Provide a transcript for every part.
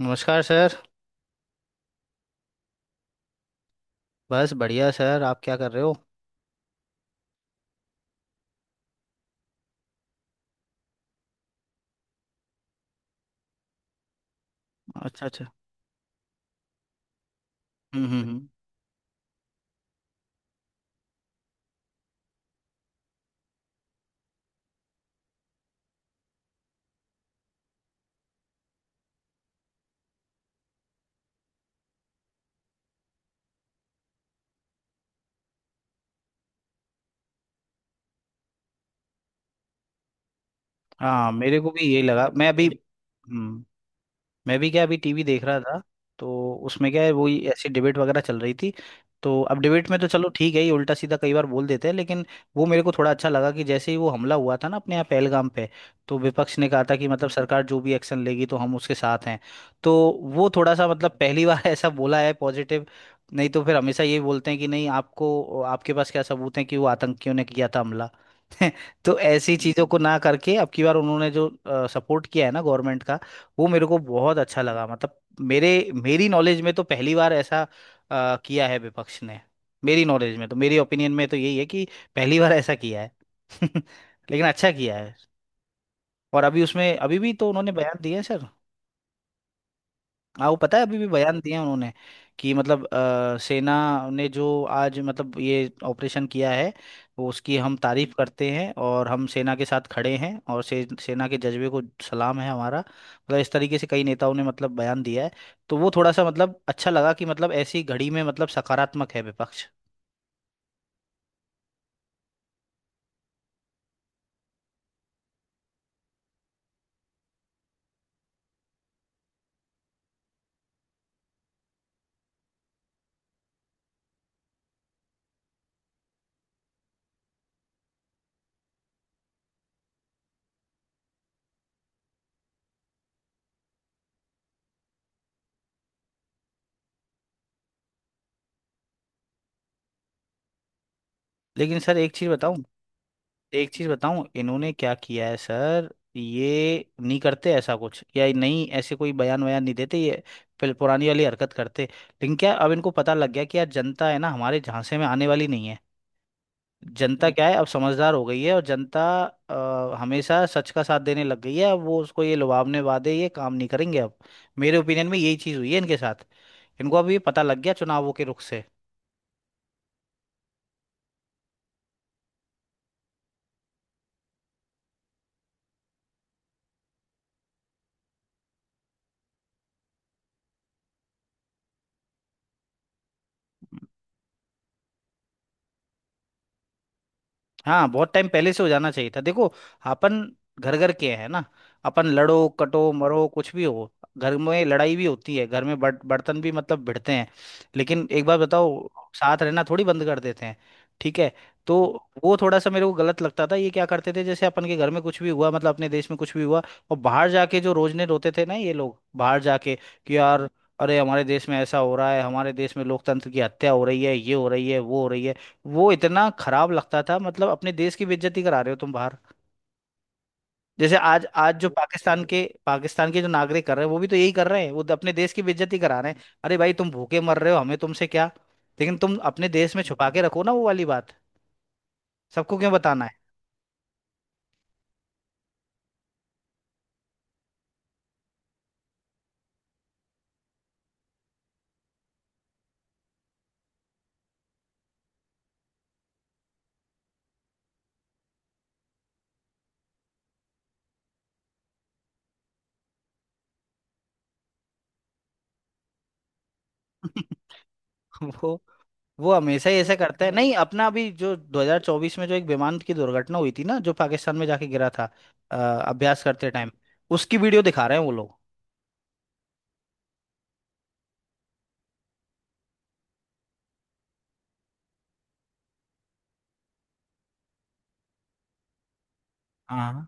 नमस्कार सर। बस बढ़िया सर, आप क्या कर रहे हो? अच्छा अच्छा। हम्म हम्म हम्म। हाँ मेरे को भी यही लगा। मैं अभी हम्म, मैं भी क्या अभी टीवी देख रहा था। तो उसमें क्या है, वही ऐसी डिबेट वगैरह चल रही थी। तो अब डिबेट में तो चलो ठीक है, ये उल्टा सीधा कई बार बोल देते हैं, लेकिन वो मेरे को थोड़ा अच्छा लगा कि जैसे ही वो हमला हुआ था ना अपने यहाँ पहलगाम पे, तो विपक्ष ने कहा था कि मतलब सरकार जो भी एक्शन लेगी तो हम उसके साथ हैं। तो वो थोड़ा सा मतलब पहली बार ऐसा बोला है पॉजिटिव। नहीं तो फिर हमेशा ये बोलते हैं कि नहीं आपको, आपके पास क्या सबूत है कि वो आतंकियों ने किया था हमला। तो ऐसी चीज़ों को ना करके अब की बार उन्होंने जो सपोर्ट किया है ना गवर्नमेंट का, वो मेरे को बहुत अच्छा लगा। मतलब मेरे, मेरी नॉलेज में तो पहली बार ऐसा किया है विपक्ष ने। मेरी नॉलेज में तो मेरी ओपिनियन में तो यही है कि पहली बार ऐसा किया है। लेकिन अच्छा किया है। और अभी उसमें अभी भी तो उन्होंने बयान दिए हैं सर। हाँ वो पता है अभी भी बयान दिए हैं उन्होंने कि मतलब सेना ने जो आज मतलब ये ऑपरेशन किया है वो उसकी हम तारीफ करते हैं और हम सेना के साथ खड़े हैं और सेना के जज्बे को सलाम है हमारा। मतलब इस तरीके से कई नेताओं ने मतलब बयान दिया है। तो वो थोड़ा सा मतलब अच्छा लगा कि मतलब ऐसी घड़ी में मतलब सकारात्मक है विपक्ष। लेकिन सर एक चीज़ बताऊं, एक चीज बताऊं इन्होंने क्या किया है सर। ये नहीं करते ऐसा कुछ, या नहीं ऐसे कोई बयान वयान नहीं देते ये, फिर पुरानी वाली हरकत करते। लेकिन क्या अब इनको पता लग गया कि यार जनता है ना हमारे झांसे में आने वाली नहीं है। जनता क्या है अब समझदार हो गई है, और जनता हमेशा सच का साथ देने लग गई है। अब वो उसको ये लुभावने वादे ये काम नहीं करेंगे अब। मेरे ओपिनियन में यही चीज हुई है इनके साथ। इनको अब ये पता लग गया चुनावों के रुख से। हाँ बहुत टाइम पहले से हो जाना चाहिए था। देखो अपन घर घर के हैं ना। अपन लड़ो कटो मरो कुछ भी हो, घर में लड़ाई भी होती है, घर में बर्तन भी मतलब भिड़ते हैं। लेकिन एक बार बताओ, साथ रहना थोड़ी बंद कर देते हैं। ठीक है। तो वो थोड़ा सा मेरे को गलत लगता था, ये क्या करते थे जैसे अपन के घर में कुछ भी हुआ मतलब अपने देश में कुछ भी हुआ और बाहर जाके जो रोजने रोते थे ना ये लोग बाहर जाके कि यार, अरे हमारे देश में ऐसा हो रहा है, हमारे देश में लोकतंत्र की हत्या हो रही है, ये हो रही है वो हो रही है। वो इतना खराब लगता था, मतलब अपने देश की बेइज्जती करा रहे हो तुम बाहर। जैसे आज आज जो पाकिस्तान के जो नागरिक कर रहे हैं वो भी तो यही कर रहे हैं, वो तो अपने देश की बेइज्जती करा रहे हैं। अरे भाई तुम भूखे मर रहे हो, हमें तुमसे क्या। लेकिन तुम अपने देश में छुपा के रखो ना वो वाली बात, सबको क्यों बताना है? वो वो हमेशा ही ऐसा करता है। नहीं अपना अभी जो 2024 में जो एक विमान की दुर्घटना हुई थी ना जो पाकिस्तान में जाके गिरा था अभ्यास करते टाइम, उसकी वीडियो दिखा रहे हैं वो लोग। हाँ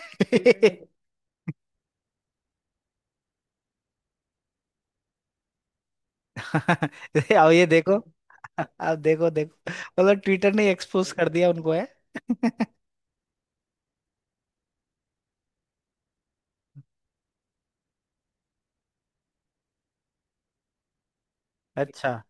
अब ये देखो। अब देखो देखो मतलब ट्विटर ने एक्सपोज कर दिया उनको है। अच्छा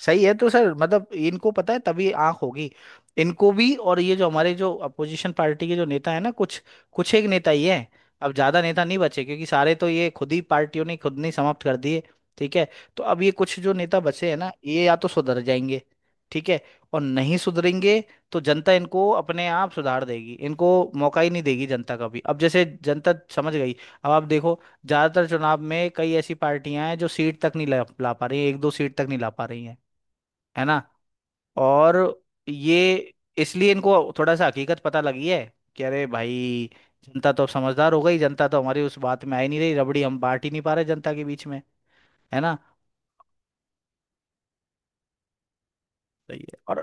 सही है। तो सर मतलब इनको पता है तभी आंख होगी इनको भी। और ये जो हमारे जो अपोजिशन पार्टी के जो नेता है ना, कुछ कुछ एक नेता ही है। अब ज्यादा नेता नहीं बचे, क्योंकि सारे तो ये खुद ही पार्टियों ने खुद ने समाप्त कर दिए। ठीक है। तो अब ये कुछ जो नेता बचे हैं ना, ये या तो सुधर जाएंगे ठीक है, और नहीं सुधरेंगे तो जनता इनको अपने आप सुधार देगी। इनको मौका ही नहीं देगी जनता कभी, अब जैसे जनता समझ गई। अब आप देखो ज्यादातर चुनाव में कई ऐसी पार्टियां हैं जो सीट तक नहीं ला पा रही हैं, एक दो सीट तक नहीं ला पा रही हैं, है ना। और ये, इसलिए इनको थोड़ा सा हकीकत पता लगी है कि अरे भाई जनता तो अब समझदार हो गई, जनता तो हमारी उस बात में आ ही नहीं रही, रबड़ी हम बांट ही नहीं पा रहे जनता के बीच में, है ना। सही है। और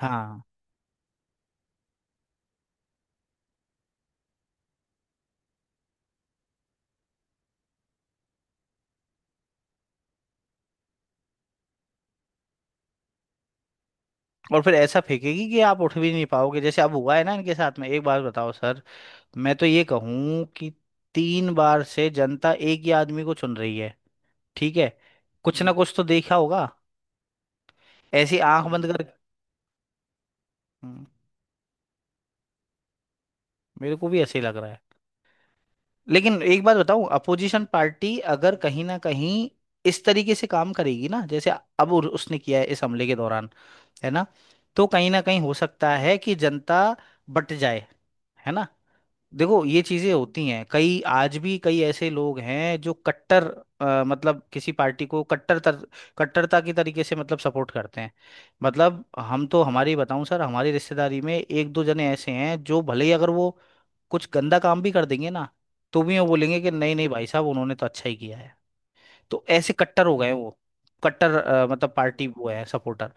हाँ और फिर ऐसा फेंकेगी कि आप उठ भी नहीं पाओगे, जैसे अब हुआ है ना इनके साथ में। एक बात बताओ सर, मैं तो ये कहूँ कि तीन बार से जनता एक ही आदमी को चुन रही है, ठीक है। कुछ ना कुछ तो देखा होगा, ऐसी आंख बंद कर। हम्म, मेरे को भी ऐसे ही लग रहा है। लेकिन एक बात बताऊं, अपोजिशन पार्टी अगर कहीं ना कहीं इस तरीके से काम करेगी ना, जैसे अब उसने किया है इस हमले के दौरान, है ना, तो कहीं ना कहीं हो सकता है कि जनता बट जाए, है ना। देखो ये चीजें होती हैं कई, आज भी कई ऐसे लोग हैं जो कट्टर मतलब किसी पार्टी को कट्टर कट्टरता की तरीके से मतलब सपोर्ट करते हैं। मतलब हम तो, हमारी बताऊं सर, हमारी रिश्तेदारी में एक दो जने ऐसे हैं जो भले ही अगर वो कुछ गंदा काम भी कर देंगे ना तो भी वो बोलेंगे कि नहीं नहीं भाई साहब उन्होंने तो अच्छा ही किया है। तो ऐसे कट्टर हो गए हैं वो, कट्टर मतलब पार्टी वो है सपोर्टर।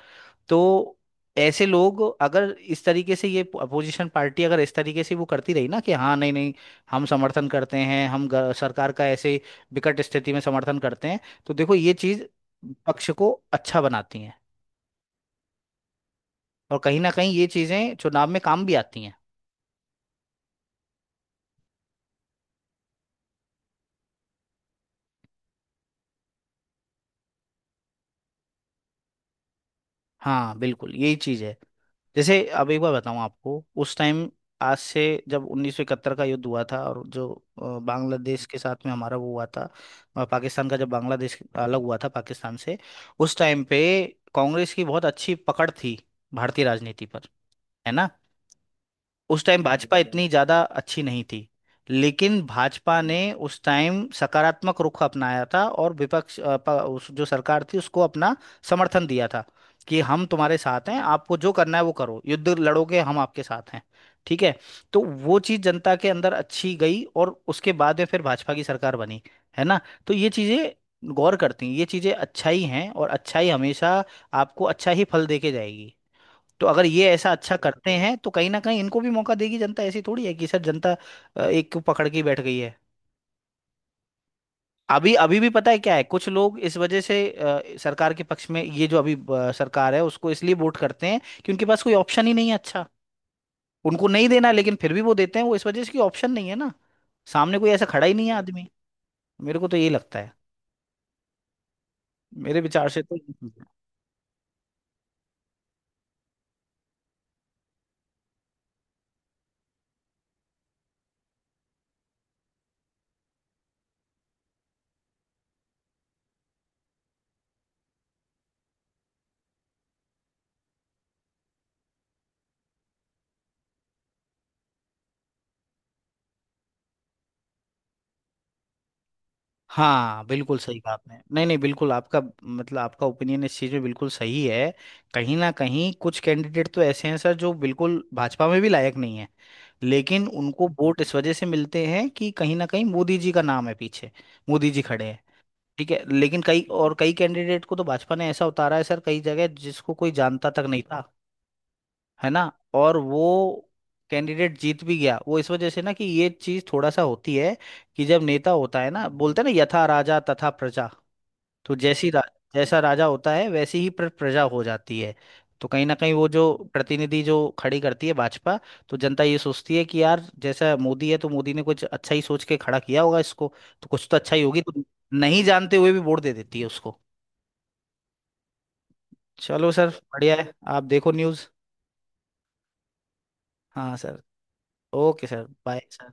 तो ऐसे लोग, अगर इस तरीके से ये अपोजिशन पार्टी अगर इस तरीके से वो करती रही ना कि हाँ नहीं नहीं हम समर्थन करते हैं, हम सरकार का ऐसे विकट स्थिति में समर्थन करते हैं, तो देखो ये चीज पक्ष को अच्छा बनाती है। और कहीं ना कहीं ये चीजें चुनाव में काम भी आती हैं। हाँ बिल्कुल यही चीज़ है। जैसे अब एक बार बताऊँ आपको, उस टाइम आज से, जब 1971 का युद्ध हुआ था और जो बांग्लादेश के साथ में हमारा वो हुआ था, पाकिस्तान का जब बांग्लादेश अलग हुआ था पाकिस्तान से, उस टाइम पे कांग्रेस की बहुत अच्छी पकड़ थी भारतीय राजनीति पर, है ना। उस टाइम भाजपा इतनी ज्यादा अच्छी नहीं थी, लेकिन भाजपा ने उस टाइम सकारात्मक रुख अपनाया था और विपक्ष उस जो सरकार थी उसको अपना समर्थन दिया था कि हम तुम्हारे साथ हैं, आपको जो करना है वो करो, युद्ध लड़ोगे हम आपके साथ हैं। ठीक है। तो वो चीज जनता के अंदर अच्छी गई और उसके बाद में फिर भाजपा की सरकार बनी, है ना। तो ये चीजें गौर करती हैं, ये चीजें अच्छाई हैं, और अच्छाई हमेशा आपको अच्छा ही फल देके जाएगी। तो अगर ये ऐसा अच्छा करते हैं तो कहीं ना कहीं इनको भी मौका देगी जनता। ऐसी थोड़ी है कि सर जनता एक को पकड़ के ही बैठ गई है। अभी अभी भी पता है क्या है, कुछ लोग इस वजह से सरकार के पक्ष में, ये जो अभी सरकार है उसको इसलिए वोट करते हैं कि उनके पास कोई ऑप्शन ही नहीं है अच्छा। उनको नहीं देना लेकिन फिर भी वो देते हैं, वो इस वजह से कि ऑप्शन नहीं है ना, सामने कोई ऐसा खड़ा ही नहीं है आदमी। मेरे को तो यही लगता है, मेरे विचार से तो। हाँ बिल्कुल सही कहा आपने, नहीं नहीं बिल्कुल आपका मतलब आपका ओपिनियन इस चीज़ में बिल्कुल सही है। कहीं ना कहीं कुछ कैंडिडेट तो ऐसे हैं सर जो बिल्कुल भाजपा में भी लायक नहीं है, लेकिन उनको वोट इस वजह से मिलते हैं कि कहीं ना कहीं मोदी जी का नाम है पीछे, मोदी जी खड़े हैं। ठीक है। लेकिन कई और कई कैंडिडेट को तो भाजपा ने ऐसा उतारा है सर कई जगह जिसको कोई जानता तक नहीं था, है ना। और वो कैंडिडेट जीत भी गया, वो इस वजह से ना कि ये चीज थोड़ा सा होती है कि जब नेता होता है ना, बोलते हैं ना यथा राजा तथा प्रजा। तो जैसा राजा होता है वैसी ही प्रजा हो जाती है। तो कहीं ना कहीं वो जो प्रतिनिधि जो खड़ी करती है भाजपा, तो जनता ये सोचती है कि यार जैसा मोदी है तो मोदी ने कुछ अच्छा ही सोच के खड़ा किया होगा इसको, तो कुछ तो अच्छा ही होगी। तो नहीं जानते हुए भी वोट दे देती है उसको। चलो सर बढ़िया है, आप देखो न्यूज़। हाँ sir. Okay sir bye sir.